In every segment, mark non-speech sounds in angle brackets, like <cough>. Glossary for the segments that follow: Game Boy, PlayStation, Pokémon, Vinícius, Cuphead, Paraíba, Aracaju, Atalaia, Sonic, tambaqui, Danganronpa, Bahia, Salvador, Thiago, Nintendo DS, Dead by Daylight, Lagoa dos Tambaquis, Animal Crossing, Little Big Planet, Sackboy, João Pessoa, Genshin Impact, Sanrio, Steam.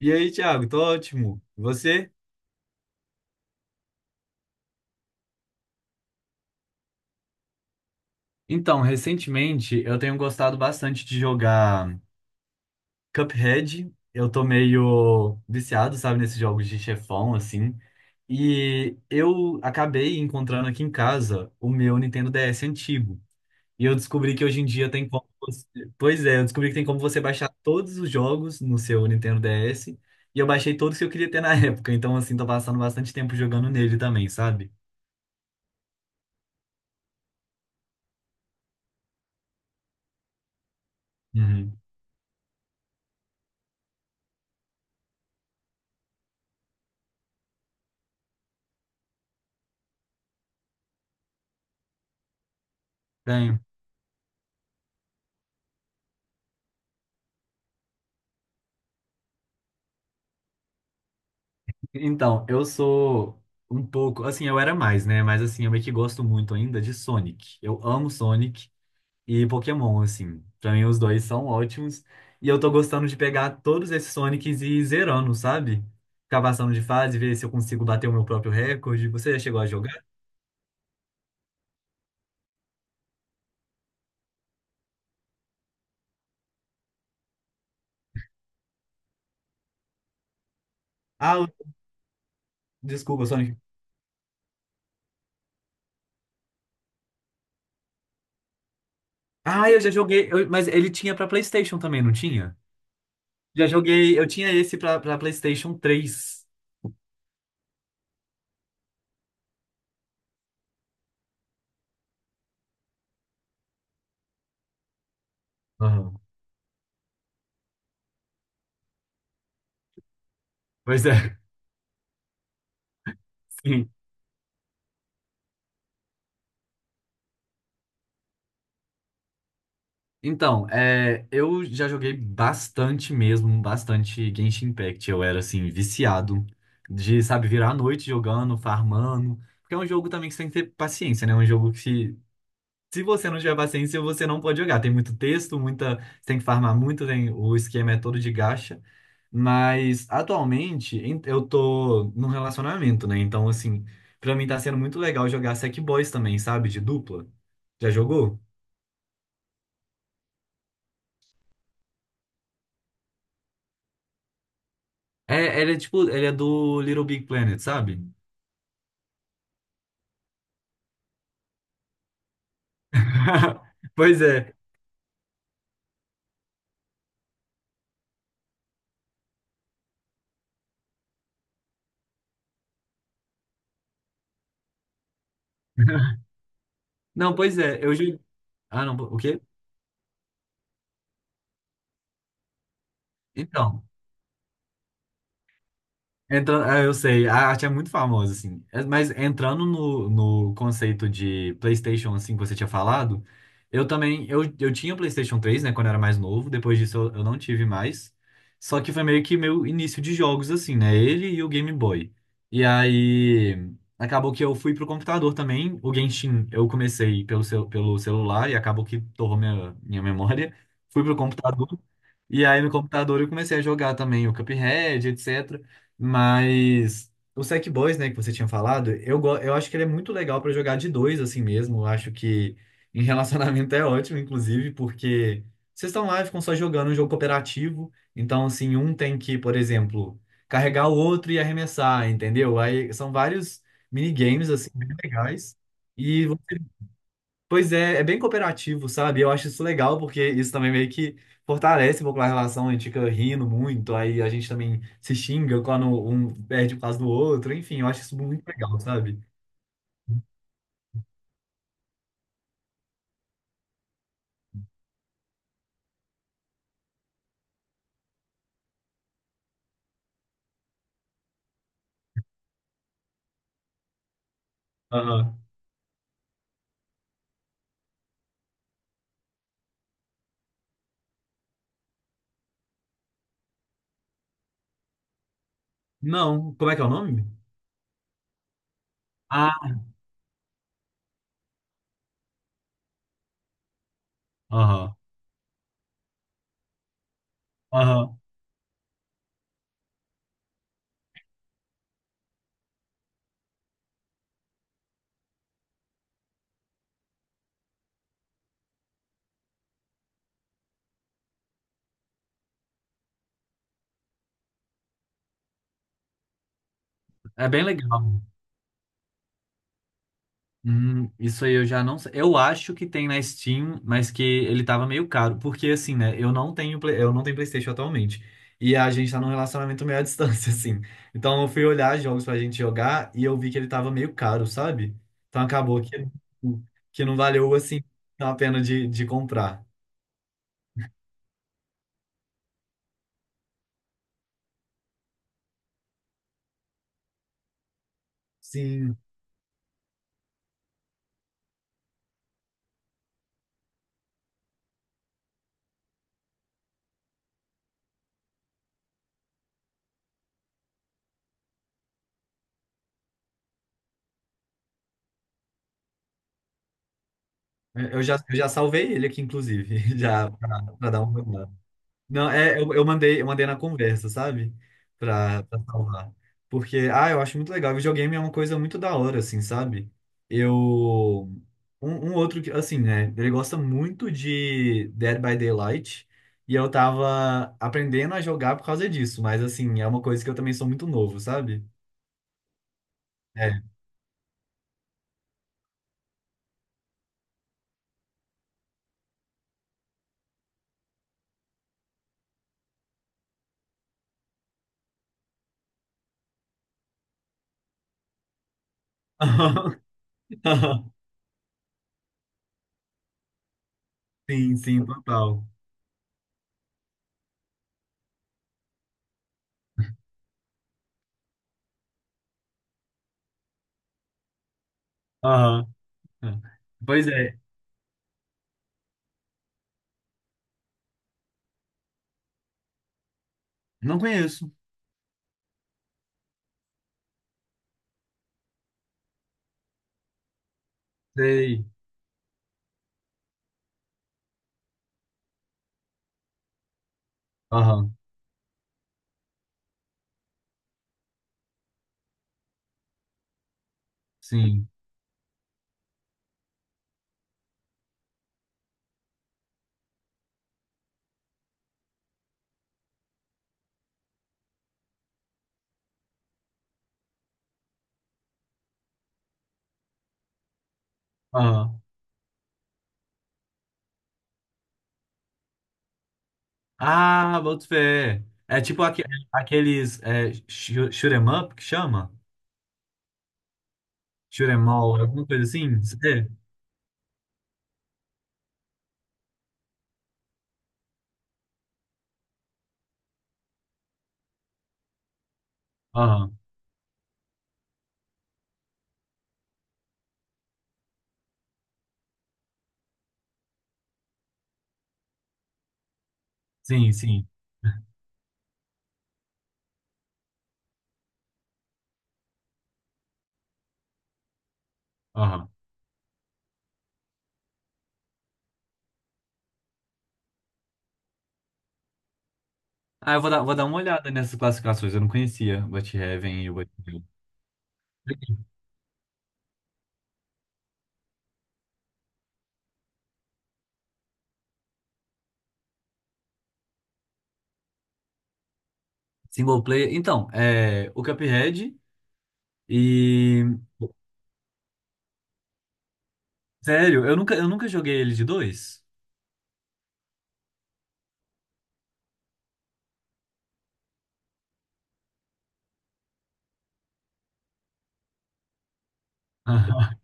E aí, Thiago, tô ótimo. E você? Então, recentemente eu tenho gostado bastante de jogar Cuphead. Eu tô meio viciado, sabe, nesses jogos de chefão, assim. E eu acabei encontrando aqui em casa o meu Nintendo DS antigo. E eu descobri que hoje em dia tem como você. Pois é, eu descobri que tem como você baixar todos os jogos no seu Nintendo DS. E eu baixei todos que eu queria ter na <laughs> época. Então, assim, tô passando bastante tempo jogando nele também, sabe? Uhum. Tenho. Então, eu sou um pouco, assim, eu era mais, né? Mas assim, eu meio que gosto muito ainda de Sonic. Eu amo Sonic e Pokémon, assim. Pra mim os dois são ótimos. E eu tô gostando de pegar todos esses Sonics e ir zerando, sabe? Ficar passando de fase, ver se eu consigo bater o meu próprio recorde. Você já chegou a jogar? Ah, desculpa, Sonic. Ah, eu já joguei, mas ele tinha pra PlayStation também, não tinha? Já joguei, eu tinha esse pra PlayStation três. Aham. Pois é. <laughs> Sim. Então, é, eu já joguei bastante mesmo, bastante Genshin Impact. Eu era, assim, viciado de, sabe, virar a noite jogando, farmando. Porque é um jogo também que você tem que ter paciência, né? É um jogo que, se você não tiver paciência, você não pode jogar. Tem muito texto, muita, você tem que farmar muito, tem, o esquema é todo de gacha. Mas, atualmente, eu tô num relacionamento, né? Então, assim, pra mim tá sendo muito legal jogar Sackboys também, sabe? De dupla. Já jogou? É, ele é tipo, ele é do Little Big Planet, sabe? <laughs> Pois é. Não, pois é. Eu joguei. Ah, não, o quê? Então. Entrando, ah, eu sei, a arte é muito famosa, assim. É, mas entrando no conceito de PlayStation, assim, que você tinha falado, eu também, eu tinha PlayStation três, né, quando eu era mais novo, depois disso eu não tive mais. Só que foi meio que meu início de jogos, assim, né, ele e o Game Boy. E aí, acabou que eu fui pro computador também, o Genshin eu comecei pelo celular e acabou que torrou minha memória. Fui pro computador e aí no computador eu comecei a jogar também o Cuphead, etc. Mas o Sackboy, né, que você tinha falado, eu acho que ele é muito legal pra jogar de dois assim mesmo. Eu acho que em relacionamento <laughs> é ótimo, inclusive, porque vocês estão lá e ficam só jogando um jogo cooperativo. Então, assim, um tem que, por exemplo, carregar o outro e arremessar, entendeu? Aí são vários minigames, assim, bem legais. E Pois é, é bem cooperativo, sabe? Eu acho isso legal, porque isso também meio que fortalece um pouco a relação, a gente fica rindo muito, aí a gente também se xinga quando um perde por causa do outro, enfim, eu acho isso muito legal, sabe? Aham. Não, como é que é o nome? Ah, aham, aham. É bem legal. Isso aí eu já não sei. Eu acho que tem na Steam, mas que ele tava meio caro. Porque assim, né? Eu não tenho PlayStation atualmente. E a gente tá num relacionamento meio à <laughs> distância, assim. Então eu fui olhar jogos pra gente jogar e eu vi que ele tava meio caro, sabe? Então acabou que não valeu, assim, a pena de comprar. Sim, eu já salvei ele aqui, inclusive, <laughs> já pra dar um. Não, é, eu mandei na conversa, sabe? Pra salvar. Porque, ah, eu acho muito legal. Videogame é uma coisa muito da hora, assim, sabe? Eu. Um outro, que, assim, né? Ele gosta muito de Dead by Daylight. E eu tava aprendendo a jogar por causa disso. Mas, assim, é uma coisa que eu também sou muito novo, sabe? É. <laughs> Sim, sim, total. Aham. É. Pois é. Não conheço. Sei. Aham. Sim. Aham. Ah, boto fé. É tipo aqueles é, shoot 'em up que chama? Shoot 'em all, alguma coisa assim? É. Aham. Sim, sim. Aham. Ah, eu vou dar uma olhada nessas classificações. Eu não conhecia o But Heaven e o But Hell. Single player. Então, é o Cuphead e. Sério, eu nunca joguei ele de dois. Aham.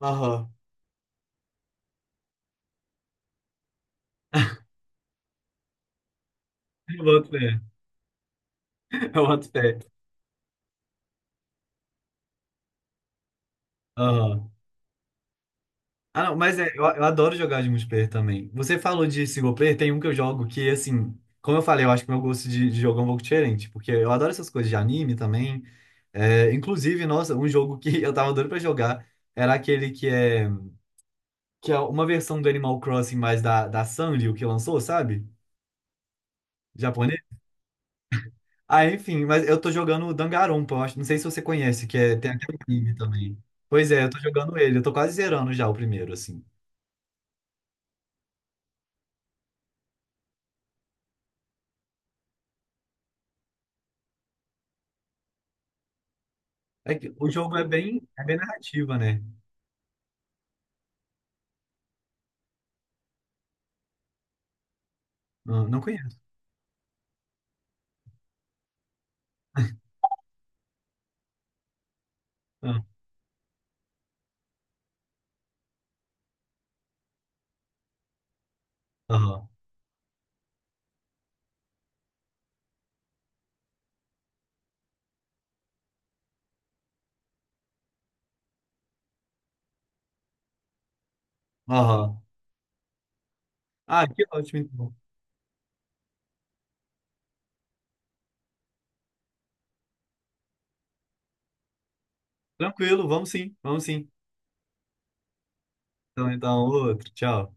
<laughs> Aham. Eu boto fé. <laughs> Eu boto fé. Aham. Ah, não, mas é, eu adoro jogar de multiplayer também. Você falou de single player, tem um que eu jogo que, assim, como eu falei, eu acho que meu gosto de jogo é um pouco diferente, porque eu adoro essas coisas de anime também. É, inclusive, nossa, um jogo que <laughs> eu tava doido pra jogar era aquele que é, uma versão do Animal Crossing, mas da Sanrio que lançou, sabe? Japonês. Ah, enfim, mas eu tô jogando o Danganronpa, eu acho, não sei se você conhece, que é, tem aquele anime também. Pois é, eu tô jogando ele, eu tô quase zerando já o primeiro, assim. É que o jogo é bem, narrativa, né? Ah, não conheço. <laughs> Ah. Aham. Aham. Ah, que ótimo, então. Tranquilo, vamos sim, vamos sim. Então, então, outro. Tchau.